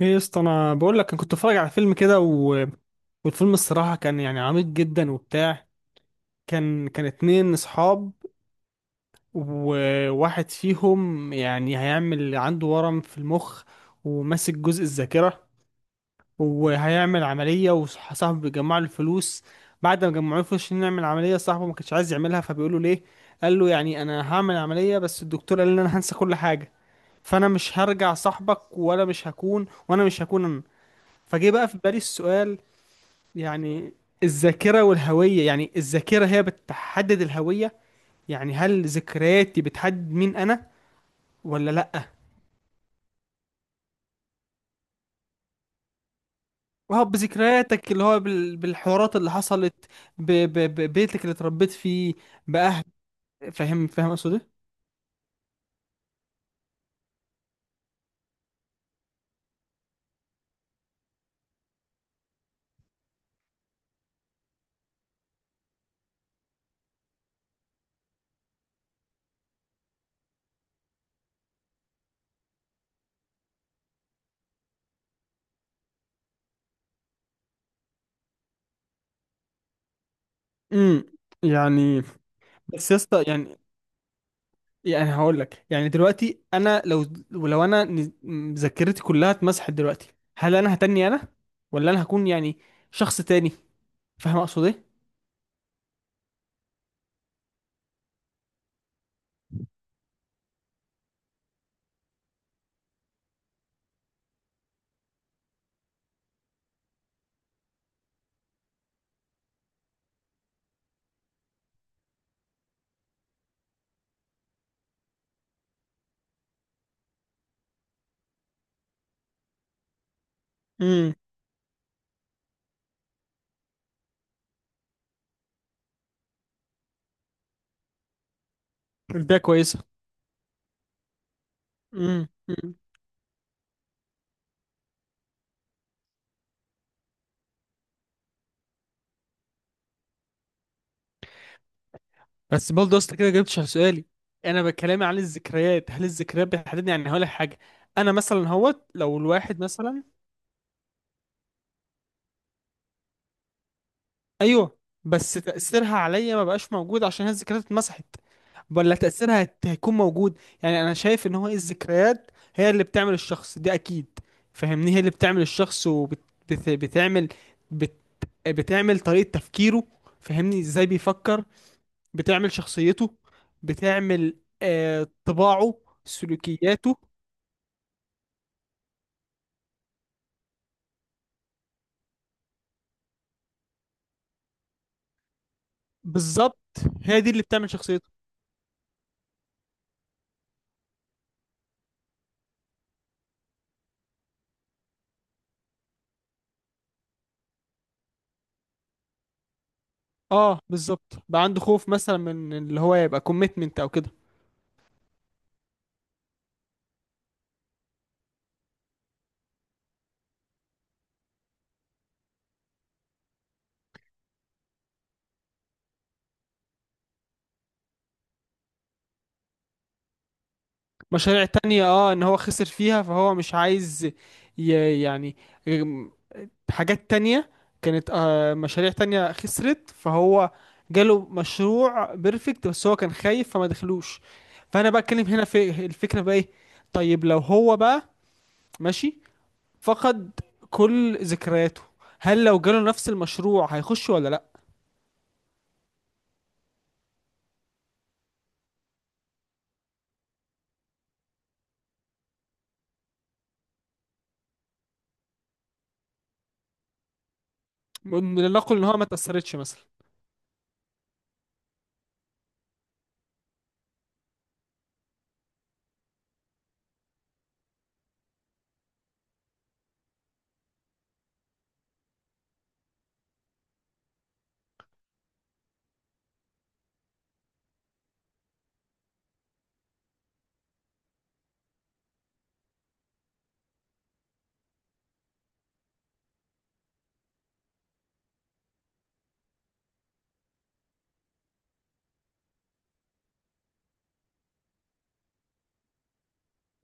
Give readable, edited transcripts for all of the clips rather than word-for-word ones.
ايه يا اسطى، انا بقول لك انا كنت بتفرج على فيلم كده والفيلم الصراحه كان يعني عميق جدا وبتاع. كان اتنين اصحاب، وواحد فيهم يعني هيعمل عنده ورم في المخ وماسك جزء الذاكره، وهيعمل عمليه وصاحبه بيجمع له الفلوس. بعد ما جمعوا له فلوس عشان يعمل عمليه صاحبه ما كانش عايز يعملها فبيقول له ليه. قال له يعني انا هعمل عمليه بس الدكتور قال لي ان انا هنسى كل حاجه، فانا مش هرجع صاحبك ولا مش هكون، وانا مش هكون انا. فجه بقى في بالي السؤال، يعني الذاكرة والهوية، يعني الذاكرة هي بتحدد الهوية، يعني هل ذكرياتي بتحدد مين أنا ولا لأ؟ وهو بذكرياتك اللي هو بالحوارات اللي حصلت ببيتك اللي اتربيت فيه بأهل. فاهم أقصد إيه؟ امم يعني، بس يا اسطى، يعني يعني هقول لك، يعني دلوقتي أنا لو، ولو أنا ذاكرتي كلها اتمسحت دلوقتي، هل أنا هتني أنا ولا أنا هكون يعني شخص تاني؟ فاهم أقصد إيه؟ امم ده كويسة. امم. بس برضه اصل كده جبتش على سؤالي. انا بكلامي عن الذكريات، هل الذكريات بتحددني؟ يعني هقول لك حاجه، انا مثلا هوت لو الواحد مثلا، ايوه. بس تاثيرها عليا ما بقاش موجود عشان هي الذكريات اتمسحت، ولا تاثيرها هيكون موجود؟ يعني انا شايف ان هو إيه، الذكريات هي اللي بتعمل الشخص دي اكيد. فاهمني، هي اللي بتعمل الشخص وبتعمل، بت... بت- بتعمل بت- بتعمل طريقه تفكيره، فاهمني ازاي بيفكر، بتعمل شخصيته، بتعمل آه طباعه، سلوكياته. بالظبط، هي دي اللي بتعمل شخصيته. اه بالظبط، بقى عنده خوف مثلا من اللي هو يبقى كوميتمنت او كده. مشاريع تانية، اه ان هو خسر فيها فهو مش عايز، يعني، ام، حاجات تانية كانت آه مشاريع تانية خسرت، فهو جاله مشروع بيرفكت بس هو كان خايف فما دخلوش. فانا بقى اتكلم هنا في الفكرة بقى ايه؟ طيب لو هو بقى ماشي فقد كل ذكرياته، هل لو جاله نفس المشروع هيخش ولا لا؟ لنقل ان هو ما تأثرتش مثلا.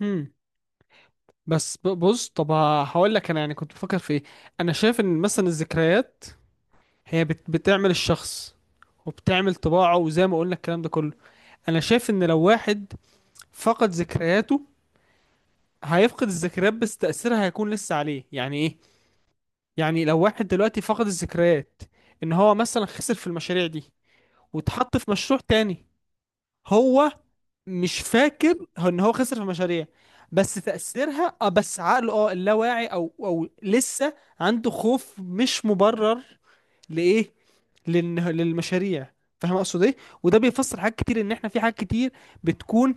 هم. بس بص طب، هقول لك انا يعني كنت بفكر في ايه. انا شايف ان مثلا الذكريات هي بتعمل الشخص وبتعمل طباعه وزي ما قلنا الكلام ده كله. انا شايف ان لو واحد فقد ذكرياته هيفقد الذكريات بس تأثيرها هيكون لسه عليه. يعني ايه؟ يعني لو واحد دلوقتي فقد الذكريات ان هو مثلا خسر في المشاريع دي واتحط في مشروع تاني، هو مش فاكر هو ان هو خسر في مشاريع، بس تأثيرها، اه بس عقله، اه اللاواعي او او لسه عنده خوف مش مبرر لإيه؟ للمشاريع. فاهم اقصد ايه؟ وده بيفسر حاجات كتير، ان احنا في حاجات كتير بتكون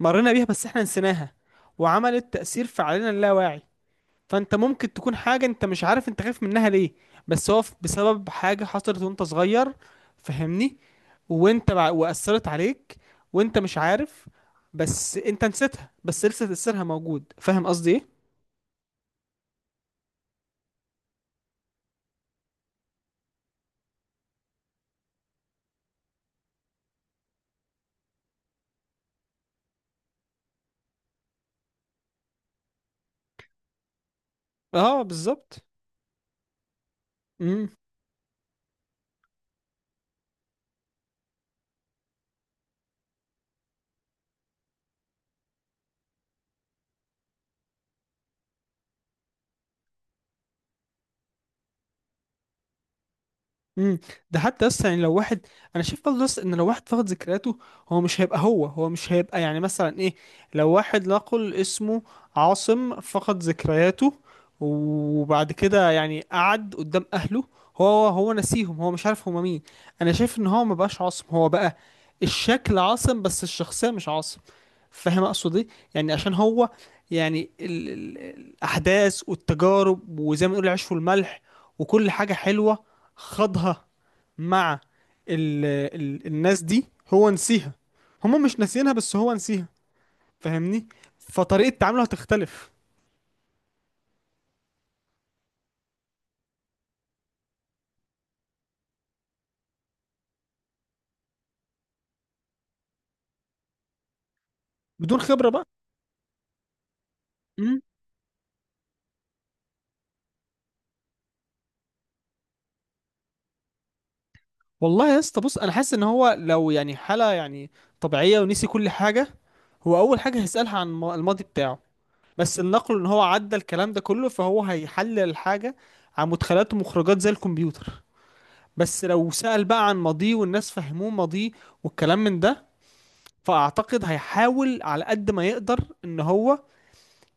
مرينا بيها بس احنا نسيناها وعملت تأثير في علينا اللاواعي. فانت ممكن تكون حاجة انت مش عارف انت خايف منها ليه، بس هو بسبب حاجة حصلت وانت صغير، فهمني، وأثرت عليك وانت مش عارف، بس انت نسيتها بس لسه تأثيرها موجود. فاهم قصدي ايه؟ اه بالظبط. مم. امم. ده حتى اصلا يعني لو واحد، انا شايف برضه لسه ان لو واحد فقد ذكرياته هو مش هيبقى هو، هو مش هيبقى يعني مثلا ايه، لو واحد نقل اسمه عاصم فقد ذكرياته وبعد كده يعني قعد قدام اهله هو، هو نسيهم، هو مش عارف هما مين. انا شايف ان هو ما بقاش عاصم، هو بقى الشكل عاصم بس الشخصية مش عاصم. فاهم اقصد ايه؟ يعني عشان هو، يعني ال ال الاحداث والتجارب وزي ما نقول العيش والملح وكل حاجة حلوة خاضها مع ال ال الناس دي، هو نسيها، هما مش ناسيينها بس هو نسيها. فاهمني، فطريقة تعامله هتختلف بدون خبرة بقى. مم. والله يا اسطى بص، انا حاسس ان هو لو يعني حالة يعني طبيعية ونسي كل حاجة، هو اول حاجة هيسألها عن الماضي بتاعه. بس النقل ان هو عدى الكلام ده كله فهو هيحلل الحاجة عن مدخلات ومخرجات زي الكمبيوتر. بس لو سأل بقى عن ماضيه والناس فهموه ماضيه والكلام من ده، فاعتقد هيحاول على قد ما يقدر ان هو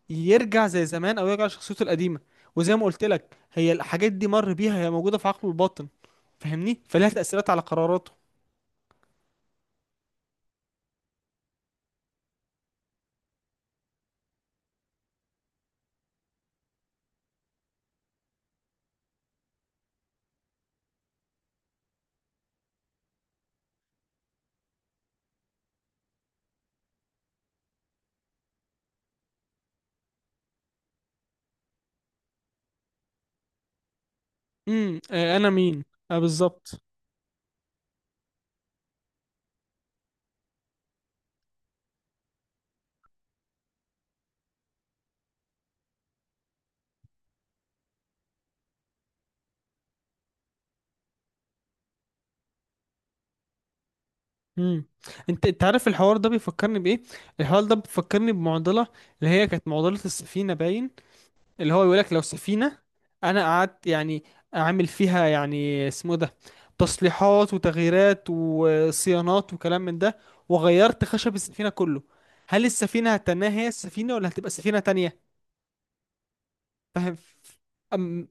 يرجع زي زمان او يرجع لشخصيته القديمه. وزي ما قلت لك هي الحاجات دي مر بيها هي موجوده في عقله الباطن، فاهمني، فلها تاثيرات على قراراته. امم، آه، انا مين. اه بالظبط. امم، انت انت عارف الحوار ده بيفكرني بايه؟ الحوار ده بيفكرني بمعضله، اللي هي كانت معضله السفينه باين، اللي هو يقول لك لو سفينة انا قعدت يعني اعمل فيها يعني اسمه إيه ده، تصليحات وتغييرات وصيانات وكلام من ده، وغيرت خشب السفينة كله، هل السفينة هتنها هي السفينة ولا هتبقى سفينة تانية؟ فاهم. أم،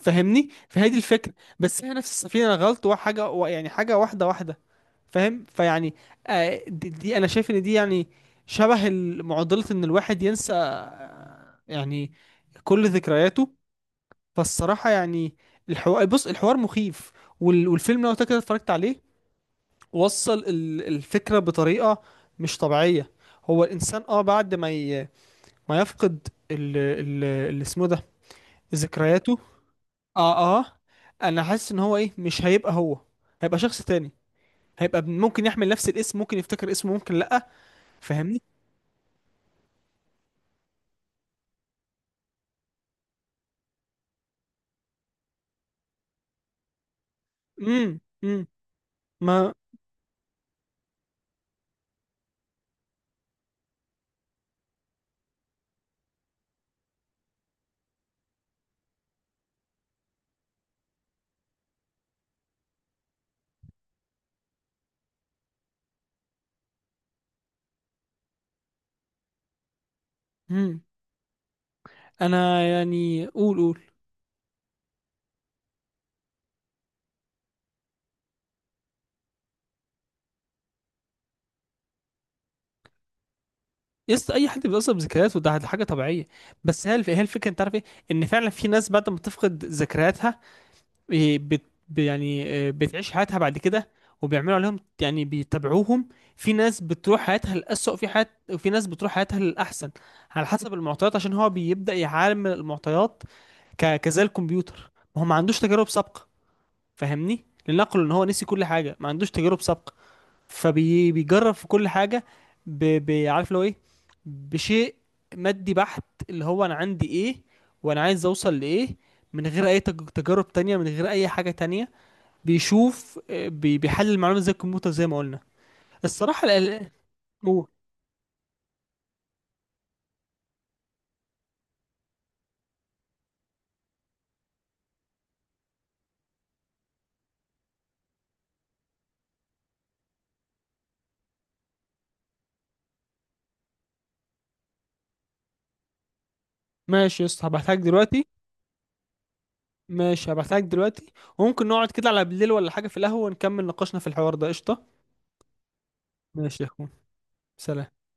فاهمني، فهذه الفكرة، بس هي نفس السفينة انا غلط وحاجة يعني حاجة واحدة. فاهم فيعني آه، دي انا شايف ان دي يعني شبه معضلة ان الواحد ينسى آه، يعني كل ذكرياته. فالصراحة يعني الحوار، بص الحوار مخيف، والفيلم لو كده اتفرجت عليه وصل الفكرة بطريقة مش طبيعية. هو الإنسان اه بعد ما ما يفقد اللي اسمه ده، ذكرياته. اه اه، انا حاسس ان هو ايه، مش هيبقى هو، هيبقى شخص تاني. هيبقى ممكن يحمل نفس الاسم، ممكن يفتكر اسمه، ممكن لأ. فاهمني. امم، امم. ما، امم، انا يعني قول قول. يس، اي حد بيتاثر بذكرياته ده حاجه طبيعيه. بس هي هي الفكره انت عارف ايه، ان فعلا في ناس بعد ما تفقد ذكرياتها إيه، يعني إيه، بتعيش حياتها بعد كده وبيعملوا عليهم يعني بيتابعوهم. في ناس بتروح حياتها للأسوأ في حيات، وفي ناس بتروح حياتها للأحسن، على حسب المعطيات عشان هو بيبدأ يعامل المعطيات كزي الكمبيوتر. ما هو ما عندوش تجارب سابقة، فاهمني، لنقل ان هو نسي كل حاجة ما عندوش تجارب سابقة فبيجرب في كل حاجة. عارف لو ايه، بشيء مادي بحت، اللي هو انا عندي ايه وانا عايز اوصل لايه، من غير اي تجارب تانية من غير اي حاجة تانية، بيشوف آه، بيحلل المعلومة زي الكمبيوتر زي ما قلنا. الصراحة قول. ماشي يا اسطى، هبعتها لك دلوقتي. ماشي هبعتها لك دلوقتي، وممكن نقعد كده على بالليل ولا حاجة في القهوة ونكمل نقاشنا في الحوار ده، قشطة. ماشي يا اخوان. سلام.